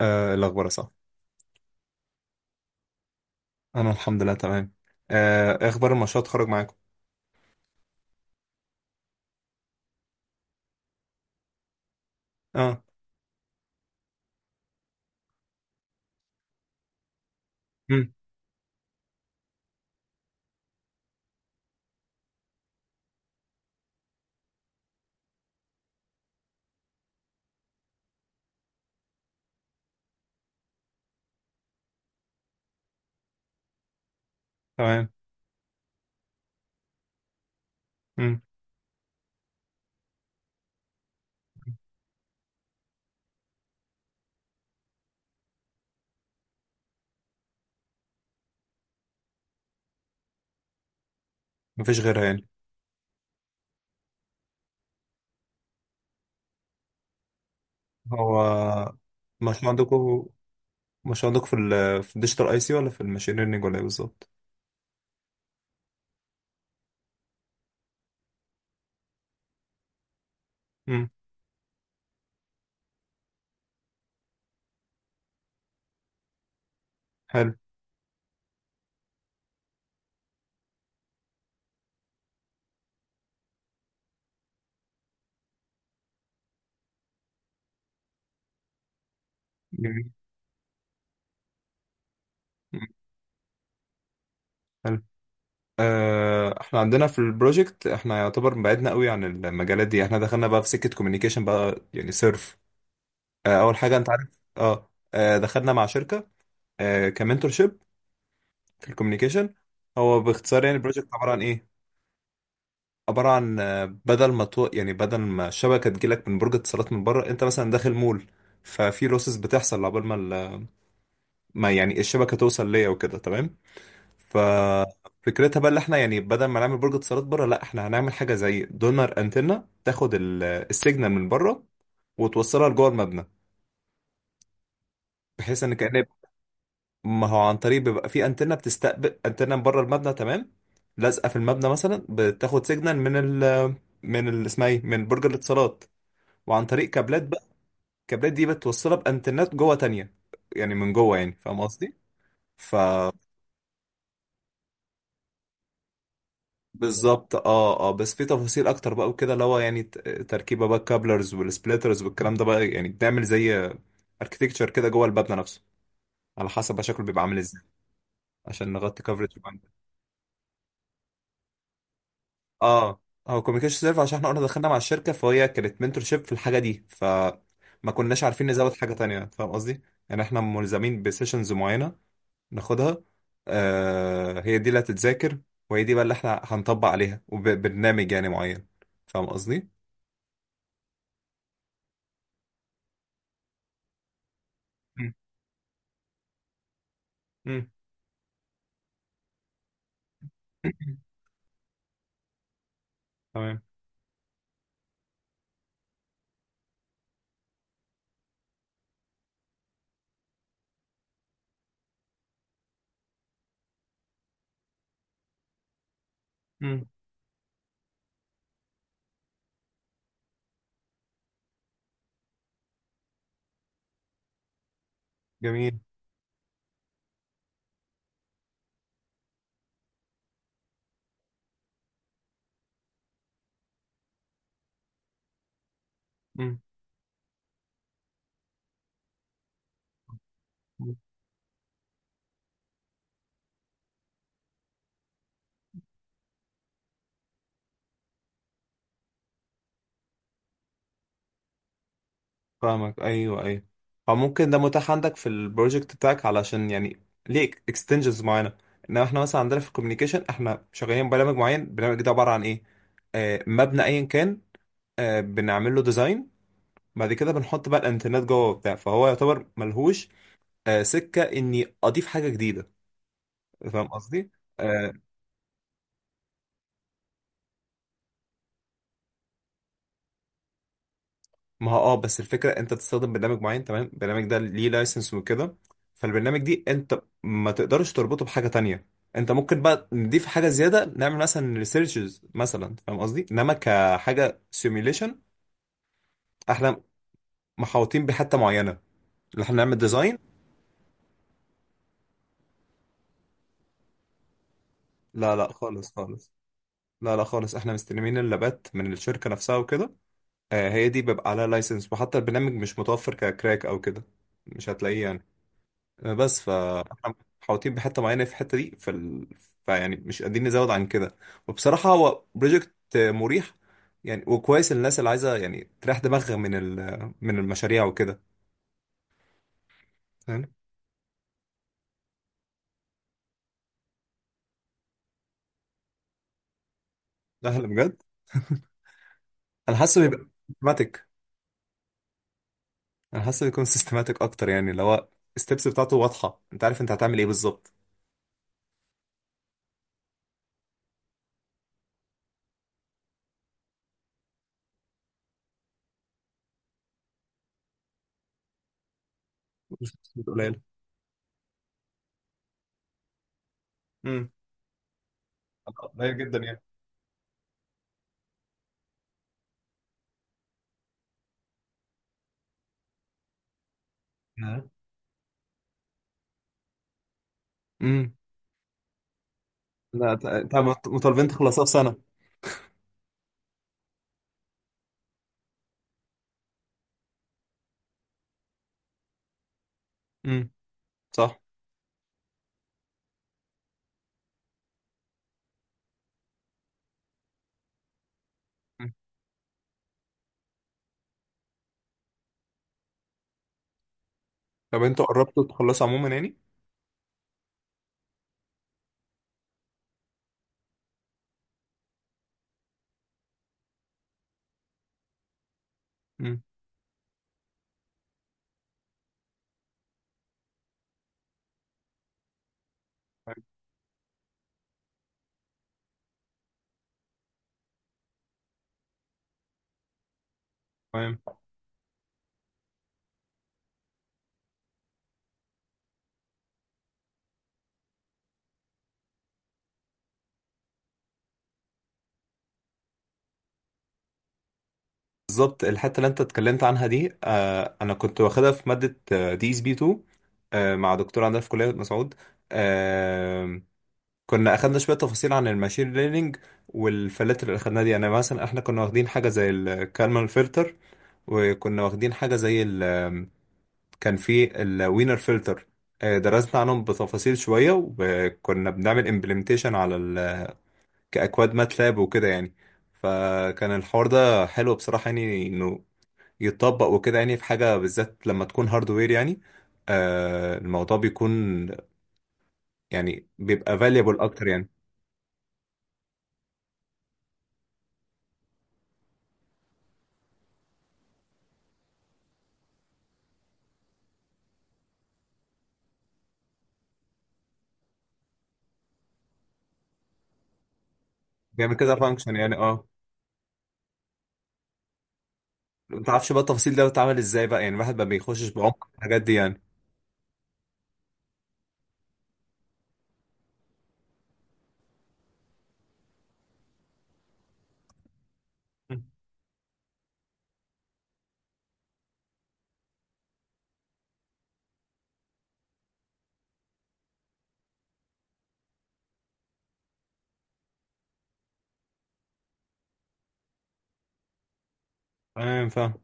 آه، الأخبار صح. أنا الحمد لله تمام. إيه أخبار المشروع اتخرج معاكم؟ أه. مم. تمام. مم. مفيش غيرها يعني. هو مشروع عندكم مشروع عندكم في الديجيتال أي سي ولا في الماشين ليرنينج ولا إيه بالظبط؟ مم. حلو. جميل. مم. حلو. إحنا عندنا في البروجكت، إحنا يعتبر بعدنا قوي عن المجالات دي. إحنا دخلنا بقى في سكة كوميونيكيشن بقى يعني سيرف. أول حاجة، أنت عارف. أه آه، دخلنا مع شركة. كمنتور شيب في الكوميونيكيشن. هو باختصار يعني البروجكت عبارة عن إيه؟ عبارة عن بدل ما تو... يعني بدل ما الشبكة تجيلك من برج اتصالات من بره، انت مثلا داخل مول. ففي لوسز بتحصل عقبال ما يعني الشبكة توصل ليا وكده، تمام. ففكرتها بقى اللي احنا يعني بدل ما نعمل برج اتصالات بره، لا احنا هنعمل حاجة زي دونر، انتنة تاخد السيجنال من بره وتوصلها لجوه المبنى، بحيث ان كأن ما هو عن طريق بيبقى في انتنة بتستقبل، انتنة من بره المبنى، تمام. لازقة في المبنى، مثلا بتاخد سيجنال اسمها ايه، من برج الاتصالات، وعن طريق كابلات. الكابلات دي بتوصلها بانترنت جوه تانية، يعني من جوه، يعني فاهم قصدي. ف بالظبط اه، اه، بس في تفاصيل اكتر بقى وكده، اللي هو يعني تركيبه بقى، الكابلرز والسبليترز والكلام ده، بقى يعني بنعمل زي اركتكتشر كده جوه المبنى نفسه، على حسب بقى شكله بيبقى عامل ازاي، عشان نغطي كفرج. اه. هو كوميونيكيشن سيرف عشان احنا قلنا دخلنا مع الشركه، فهي كانت منتور شيب في الحاجه دي، فما كناش عارفين نزود حاجه تانية. فاهم قصدي؟ يعني احنا ملزمين بسيشنز معينه، ناخدها. هي دي اللي هتتذاكر، وهي دي بقى اللي احنا هنطبق عليها، وبرنامج يعني معين. فاهم قصدي؟ مم. مم. تمام. مم. جميل. مم. مم. فاهمك. ايوه، ايوه. فممكن ده متاح عندك في البروجكت بتاعك علشان يعني ليه اكستنشنز معينه؟ انما احنا مثلا عندنا في الكوميونيكيشن احنا شغالين برنامج معين، البرنامج ده عباره عن ايه. مبنى ايا كان. بنعمل له ديزاين، بعد كده بنحط بقى الانترنت جوه وبتاع، فهو يعتبر ملهوش سكه اني اضيف حاجه جديده. فاهم قصدي؟ آه، ما هو بس الفكره انت بتستخدم برنامج معين، تمام. البرنامج ده ليه لايسنس وكده، فالبرنامج دي انت ما تقدرش تربطه بحاجه تانية. انت ممكن بقى نضيف حاجه زياده، نعمل مثلا ريسيرشز مثلا، فاهم قصدي. انما كحاجه سيميوليشن احنا محاوطين بحته معينه، اللي احنا نعمل ديزاين. لا، لا، خالص، خالص. لا، لا، خالص. احنا مستلمين اللابات من الشركه نفسها وكده. هي دي بيبقى عليها لايسنس، وحتى البرنامج مش متوفر ككراك او كده، مش هتلاقيه يعني. بس فاحنا محاوطين بحته معينه، في الحته دي، فيعني مش قادرين نزود عن كده. وبصراحه هو بروجكت مريح يعني، وكويس للناس اللي عايزه يعني تريح دماغها من المشاريع وكده. فاهم. لا، هلا، بجد. انا حاسه بيبقى سيستماتيك انا حاسه بيكون سيستماتيك اكتر، يعني اللي هو الستبس بتاعته واضحه، انت عارف انت هتعمل ايه بالظبط. مش قليل. امم. قليل جدا يعني. امم. لا، انت مطالبين تخلصها في سنة. امم. صح. مم. طب انتوا قربتوا تخلصوا عموما يعني؟ امم. طيب، تمام. بالظبط. الحتة اللي انت اتكلمت عنها دي، انا كنت واخدها في مادة دي اس بي 2، مع دكتور عندنا في كلية مسعود. آه كنا اخدنا شوية تفاصيل عن الماشين ليرنينج والفلاتر اللي اخدناها دي، يعني مثلا احنا كنا واخدين حاجة زي الكالمال فلتر، وكنا واخدين حاجة زي، كان في الوينر فلتر. درسنا عنهم بتفاصيل شوية، وكنا بنعمل امبلمنتيشن كأكواد ماتلاب وكده يعني. فكان الحوار ده حلو بصراحة، يعني انه يتطبق وكده، يعني في حاجة بالذات لما تكون هاردوير يعني. الموضوع بيكون يعني بيبقى valuable اكتر يعني. بيعمل كده فانكشن يعني اه ما تعرفش بقى التفاصيل ده بتتعمل ازاي بقى، يعني الواحد ما بيخشش بعمق الحاجات دي يعني. تمام فاهم.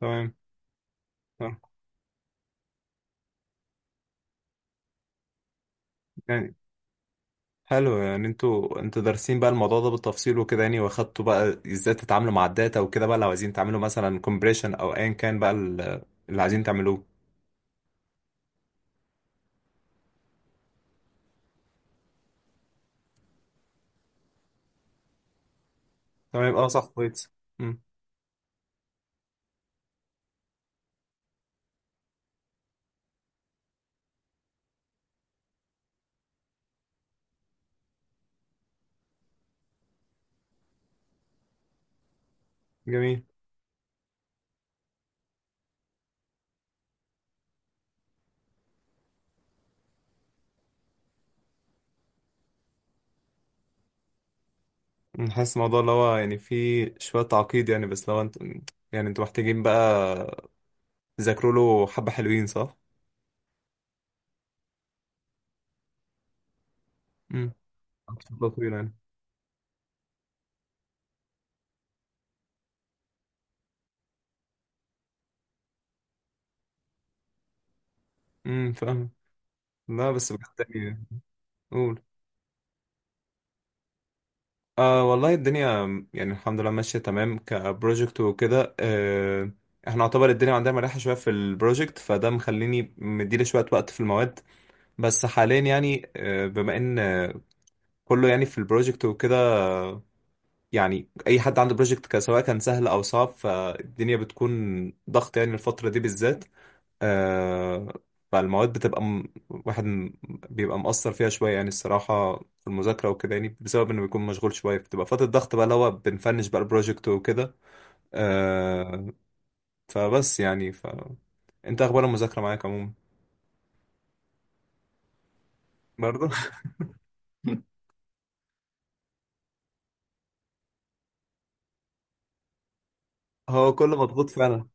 تمام فاهم. حلو يعني انتوا دارسين بقى الموضوع ده بالتفصيل وكده، يعني واخدتوا بقى ازاي تتعاملوا مع الداتا وكده بقى، لو عايزين تعملوا مثلا كومبريشن او ايا كان بقى اللي عايزين تعملوه. تمام يبقى صح كويس. امم. جميل. أمم، حاسس الموضوع اللي هو يعني فيه شوية تعقيد يعني، بس لو انتوا، يعني انتوا محتاجين بقى تذاكروا له حبة حلوين، صح؟ امم. خطوة طويلة يعني. امم. فاهم. لا بس بجد يعني. قول. والله الدنيا، يعني الحمد لله ماشية تمام كبروجكت وكده. احنا يعتبر الدنيا عندنا مريحة شوية في البروجكت، فده مخليني مديلي شوية وقت في المواد. بس حاليا يعني بما ان كله يعني في البروجكت وكده. يعني اي حد عنده بروجكت سواء كان سهل او صعب، فالدنيا بتكون ضغط يعني الفترة دي بالذات. آه فالمواد بتبقى واحد بيبقى مقصر فيها شوية يعني الصراحة في المذاكرة وكده، يعني بسبب إنه بيكون مشغول شوية، بتبقى فترة ضغط بقى اللي هو بنفنش بقى البروجكت وكده. آه فبس يعني أنت أخبار المذاكرة معاك عموما؟ برضه. هو كله مضغوط فعلا.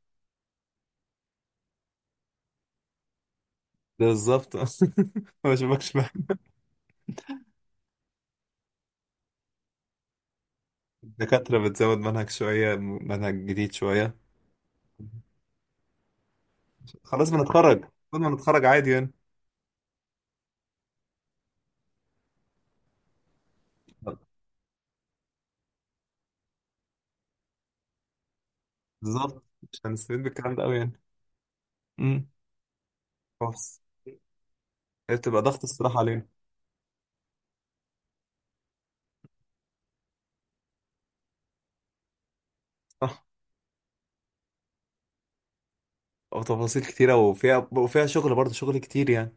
بالظبط. ما بشوفكش بقى. الدكاترة بتزود منهج شوية، منهج جديد شوية. خلاص بنتخرج، كل ما نتخرج عادي يعني. بالظبط، مش هنستفيد بالكلام ده أوي يعني. امم. هي بتبقى ضغط الصراحة علينا. صح، وتفاصيل كتيرة وفيها شغل برضه، شغل كتير يعني.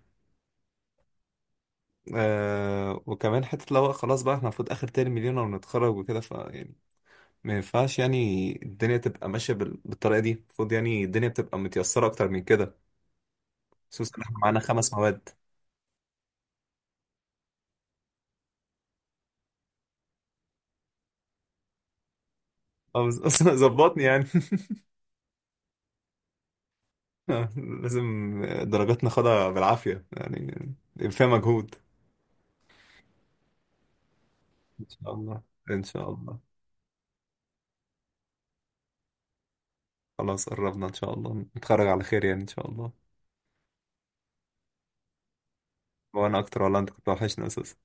وكمان حتة لو خلاص بقى، احنا المفروض آخر ترم لينا ونتخرج وكده، ف يعني ما ينفعش يعني الدنيا تبقى ماشية بالطريقة دي. المفروض يعني الدنيا بتبقى متيسرة أكتر من كده، خصوصا إن احنا معانا خمس مواد. أصلاً ظبطني يعني. لازم. درجات ناخدها بالعافية يعني، فيها مجهود. إن شاء الله. إن شاء الله. خلاص قربنا إن شاء الله نتخرج على خير يعني، إن شاء الله. وانا اكتر والله، انت كنت وحشني اساسا.